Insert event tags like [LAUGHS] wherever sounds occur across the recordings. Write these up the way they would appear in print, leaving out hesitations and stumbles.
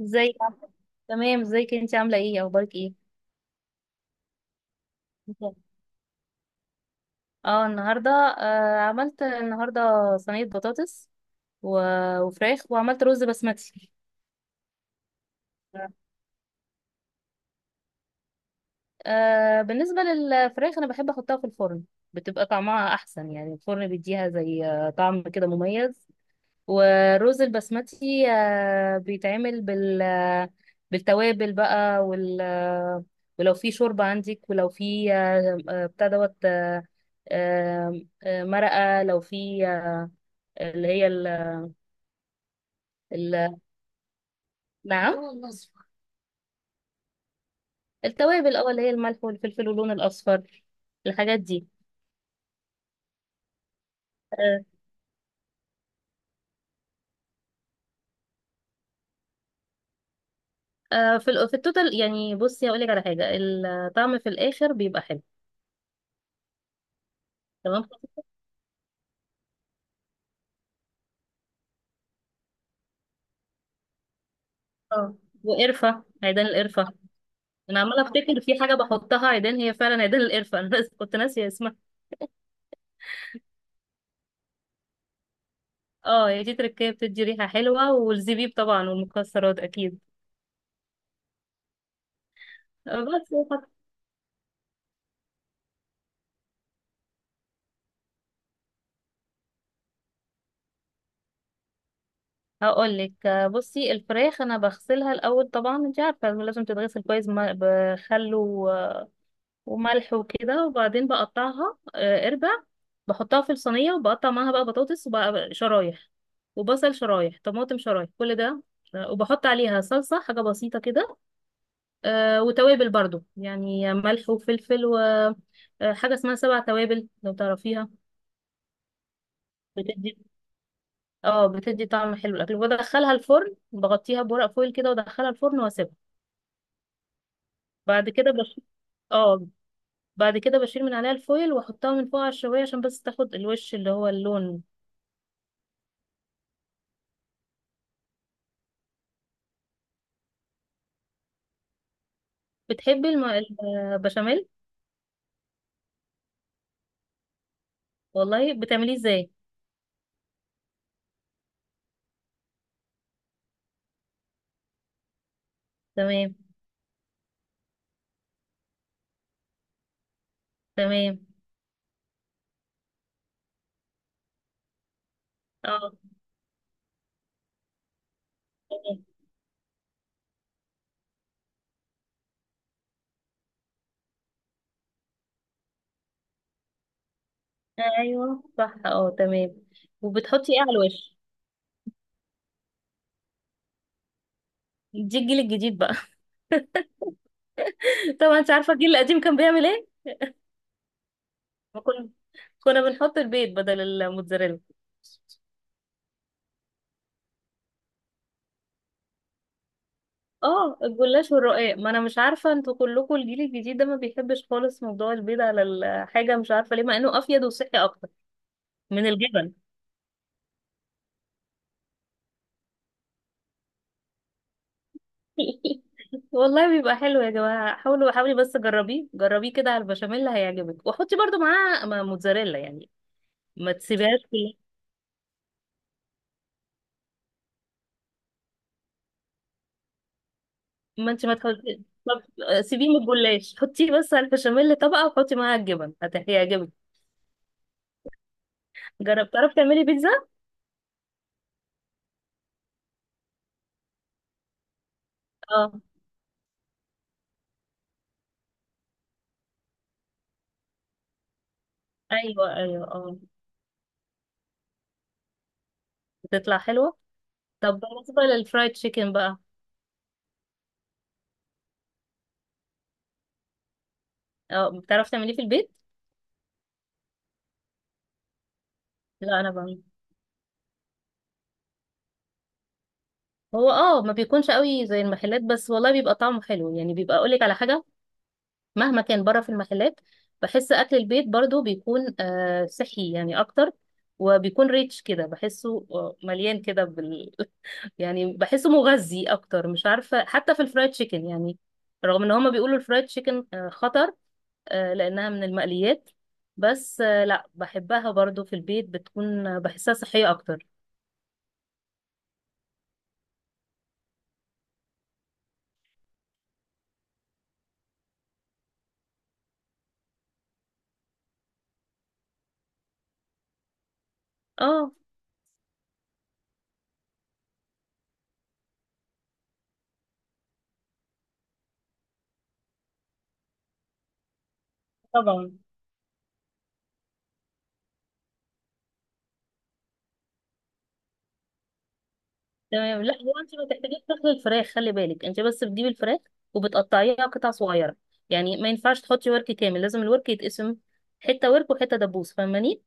ازيك عاملة- تمام، ازيك انت عامله ايه؟ اخبارك ايه؟ تمام. اه النهارده آه عملت النهارده صينيه بطاطس وفراخ وعملت رز بسمتي. بالنسبه للفراخ انا بحب احطها في الفرن، بتبقى طعمها احسن، يعني الفرن بيديها زي طعم كده مميز. ورز البسمتي بيتعمل بالتوابل بقى، وال آه، ولو في شوربة عندك، ولو في بتاع دوت آه، آه، آه، مرقة، لو في اللي هي ال... نعم. التوابل، اللي هي الملح والفلفل واللون الأصفر، الحاجات دي. آه، في التوتال، يعني بصي هقول لك على حاجة، الطعم في الآخر بيبقى حلو. تمام. اه وقرفة، عيدان القرفة. انا عماله افتكر في حاجه بحطها عيدان، هي فعلا عيدان القرفه، انا [LAUGHS] كنت ناسيه اسمها. اه، هي دي تركيه، بتدي ريحه حلوه، والزبيب طبعا، والمكسرات اكيد. بس. هقول لك، بصي الفراخ انا بغسلها الاول طبعا، انت عارفه لازم تتغسل كويس، بخل وملح وكده، وبعدين بقطعها اربع. بحطها في الصينيه، وبقطع معاها بقى بطاطس، وبقى شرايح، وبصل شرايح، طماطم شرايح، كل ده. وبحط عليها صلصه، حاجه بسيطه كده. وتوابل برضو، يعني ملح وفلفل وحاجة اسمها سبع توابل لو تعرفيها. بتدي اه بتدي طعم حلو للأكل. بدخلها الفرن، بغطيها بورق فويل كده، وادخلها الفرن واسيبها. بعد كده بش... اه بعد كده بشيل من عليها الفويل، واحطها من فوق على الشواية عشان بس تاخد الوش، اللي هو اللون. بتحبي الم... البشاميل؟ والله، بتعمليه ازاي؟ تمام. تمام. اه، تمام. ايوه، صح، اه، تمام. وبتحطي ايه على الوش؟ دي الجيل الجديد بقى. [LAUGHS] طبعا انت عارفه الجيل القديم كان بيعمل ايه؟ ما كنا كنا بنحط البيض بدل الموتزاريلا. اه، الجلاش والرقاق، ما انا مش عارفه انتوا كلكم الجيل الجديد ده ما بيحبش خالص موضوع البيض على الحاجه، مش عارفه ليه، مع انه افيد وصحي اكتر من الجبن. [LAUGHS] والله بيبقى حلو يا جماعه، حاولوا، حاولي بس جربيه، جربيه كده على البشاميل هيعجبك، وحطي برضو معاه موتزاريلا يعني. ما تسيبيهاش كلها. ما انت ما تحطي، طب سيبيه من الجلاش، حطيه بس على البشاميل طبقه، وحطي معاها الجبن هيعجبك. جربت؟ تعرف تعملي بيتزا؟ اه، ايوه، ايوه، اه، بتطلع حلوه. طب بالنسبه للفرايد تشيكن بقى؟ اه، بتعرف تعمليه في البيت؟ لا، انا بعمل. هو ما بيكونش قوي زي المحلات، بس والله بيبقى طعمه حلو، يعني بيبقى، اقولك على حاجه، مهما كان بره في المحلات، بحس اكل البيت برضو بيكون صحي يعني اكتر، وبيكون ريتش كده، بحسه مليان كده [LAUGHS] يعني بحسه مغذي اكتر، مش عارفه، حتى في الفرايد تشيكن يعني، رغم ان هما بيقولوا الفرايد تشيكن خطر، لأنها من المقليات، بس لا، بحبها برضو، في البيت بتكون بحسها صحية أكتر. اه، طبعا. تمام. لا هو انت ما تحتاجيش تاكلي الفراخ، خلي بالك انت بس بتجيبي الفراخ، وبتقطعيها قطع صغيرة، يعني ما ينفعش تحطي ورك كامل، لازم الورك يتقسم، حتة ورك وحتة دبوس، فاهماني؟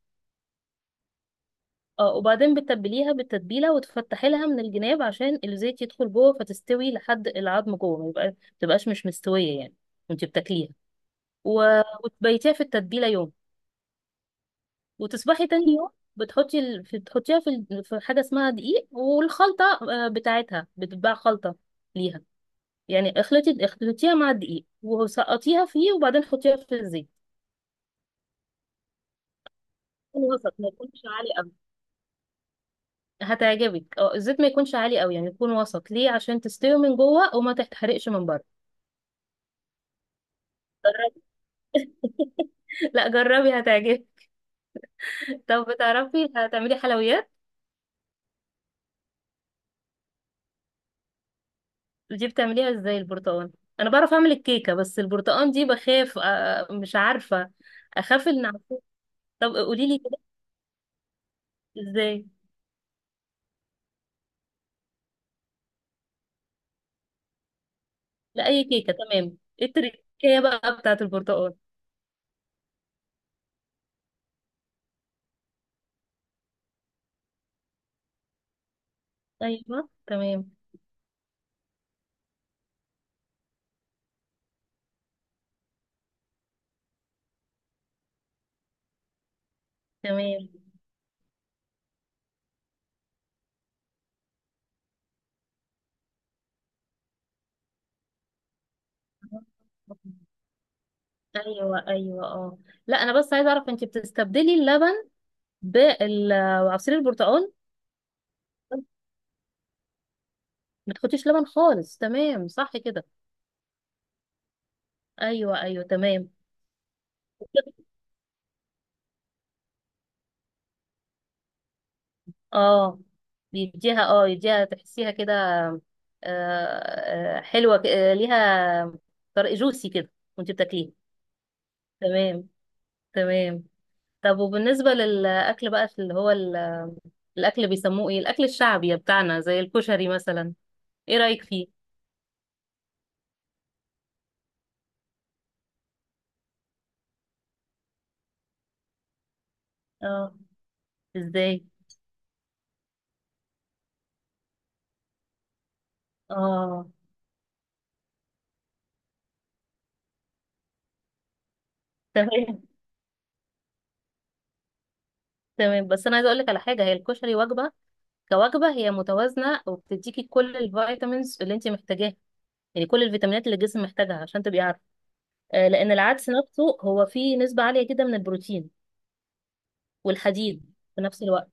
اه، وبعدين بتتبليها بالتتبيلة، وتفتحي لها من الجناب عشان الزيت يدخل جوه فتستوي لحد العظم جوه، ما تبقاش مش مستوية يعني، وانت بتاكليها. و... وتبيتيها في التتبيلة يوم، وتصبحي تاني يوم، بتحطيها في حاجة اسمها دقيق والخلطة بتاعتها، بتتباع خلطة ليها، يعني اخلطيها مع الدقيق، وسقطيها فيه، وبعدين حطيها في الزيت، يكون وسط ما يكونش عالي قوي. هتعجبك. اه، الزيت ما يكونش عالي قوي، يعني يكون وسط ليه عشان تستوي من جوه وما تتحرقش من بره. جربي. [LAUGHS] لا، جربي هتعجبك. طب بتعرفي هتعملي حلويات؟ دي بتعمليها ازاي البرتقال؟ انا بعرف اعمل الكيكه، بس البرتقال دي بخاف مش عارفه. اخاف ان أعمله. طب قولي لي كده، ازاي؟ لاي كيكه تمام، ايه التركية بقى بتاعه البرتقال؟ ايوه، تمام، تمام. ايوه، ايوه، اه، لا، انا بس عايزه اعرف انت بتستبدلي اللبن بعصير البرتقال؟ ما تحطيش لبن خالص، تمام، صح كده. ايوه، ايوه، تمام. اه، بيديها اه يديها، تحسيها كده حلوة ليها طرق جوسي كده، وانت بتاكليه. تمام. تمام. طب وبالنسبة للأكل بقى، في اللي هو الأكل، بيسموه ايه الأكل الشعبي بتاعنا زي الكشري مثلا؟ ايه رأيك فيه؟ اه، ازاي؟ اه، تمام، تمام، بس انا عايزه اقول لك على حاجه، هي الكشري وجبه، كوجبه هي متوازنه، وبتديكي كل الفيتامينز اللي انت محتاجاها، يعني كل الفيتامينات اللي الجسم محتاجها عشان تبقي عارفه. لأن العدس نفسه هو فيه نسبة عالية جدا من البروتين والحديد في نفس الوقت.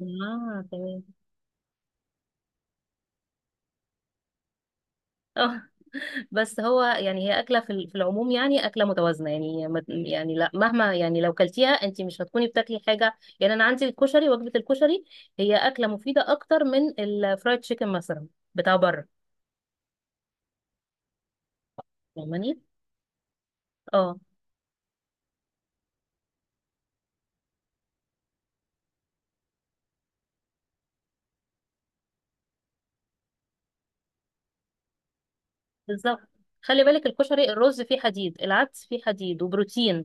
اه، تمام، اه. [LAUGHS] بس هو يعني، هي أكلة في العموم، يعني أكلة متوازنة، يعني يعني لا، مهما، يعني لو كلتيها أنت مش هتكوني بتاكلي حاجة، يعني أنا عندي الكشري، وجبة الكشري هي أكلة مفيدة أكتر من الفرايد تشيكن مثلا بتاع بره، فاهماني؟ اه، بالظبط. خلي بالك، الكشري الرز فيه حديد، العدس فيه حديد وبروتين،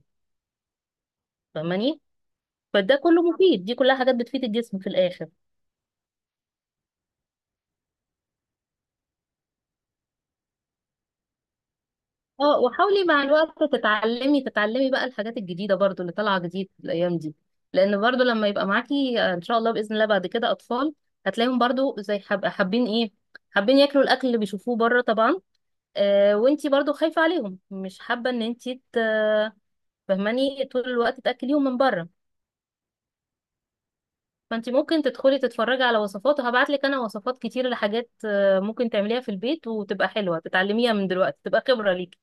فاهماني؟ فده كله مفيد، دي كلها حاجات بتفيد الجسم في الآخر. اه، وحاولي مع الوقت تتعلمي، بقى الحاجات الجديدة برضو اللي طالعة جديد الأيام دي، لأن برضو لما يبقى معاكي إن شاء الله بإذن الله بعد كده أطفال، هتلاقيهم برضو زي حابين إيه، حابين ياكلوا الأكل اللي بيشوفوه بره طبعا. وانتي برضو خايفة عليهم، مش حابة إن فهماني، طول الوقت تأكليهم من بره. فانتي ممكن تدخلي تتفرجي على وصفات، وهبعتلك أنا وصفات كتير لحاجات ممكن تعمليها في البيت، وتبقى حلوة، تتعلميها من دلوقتي تبقى خبرة ليكي.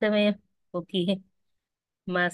تمام. أوكي. مع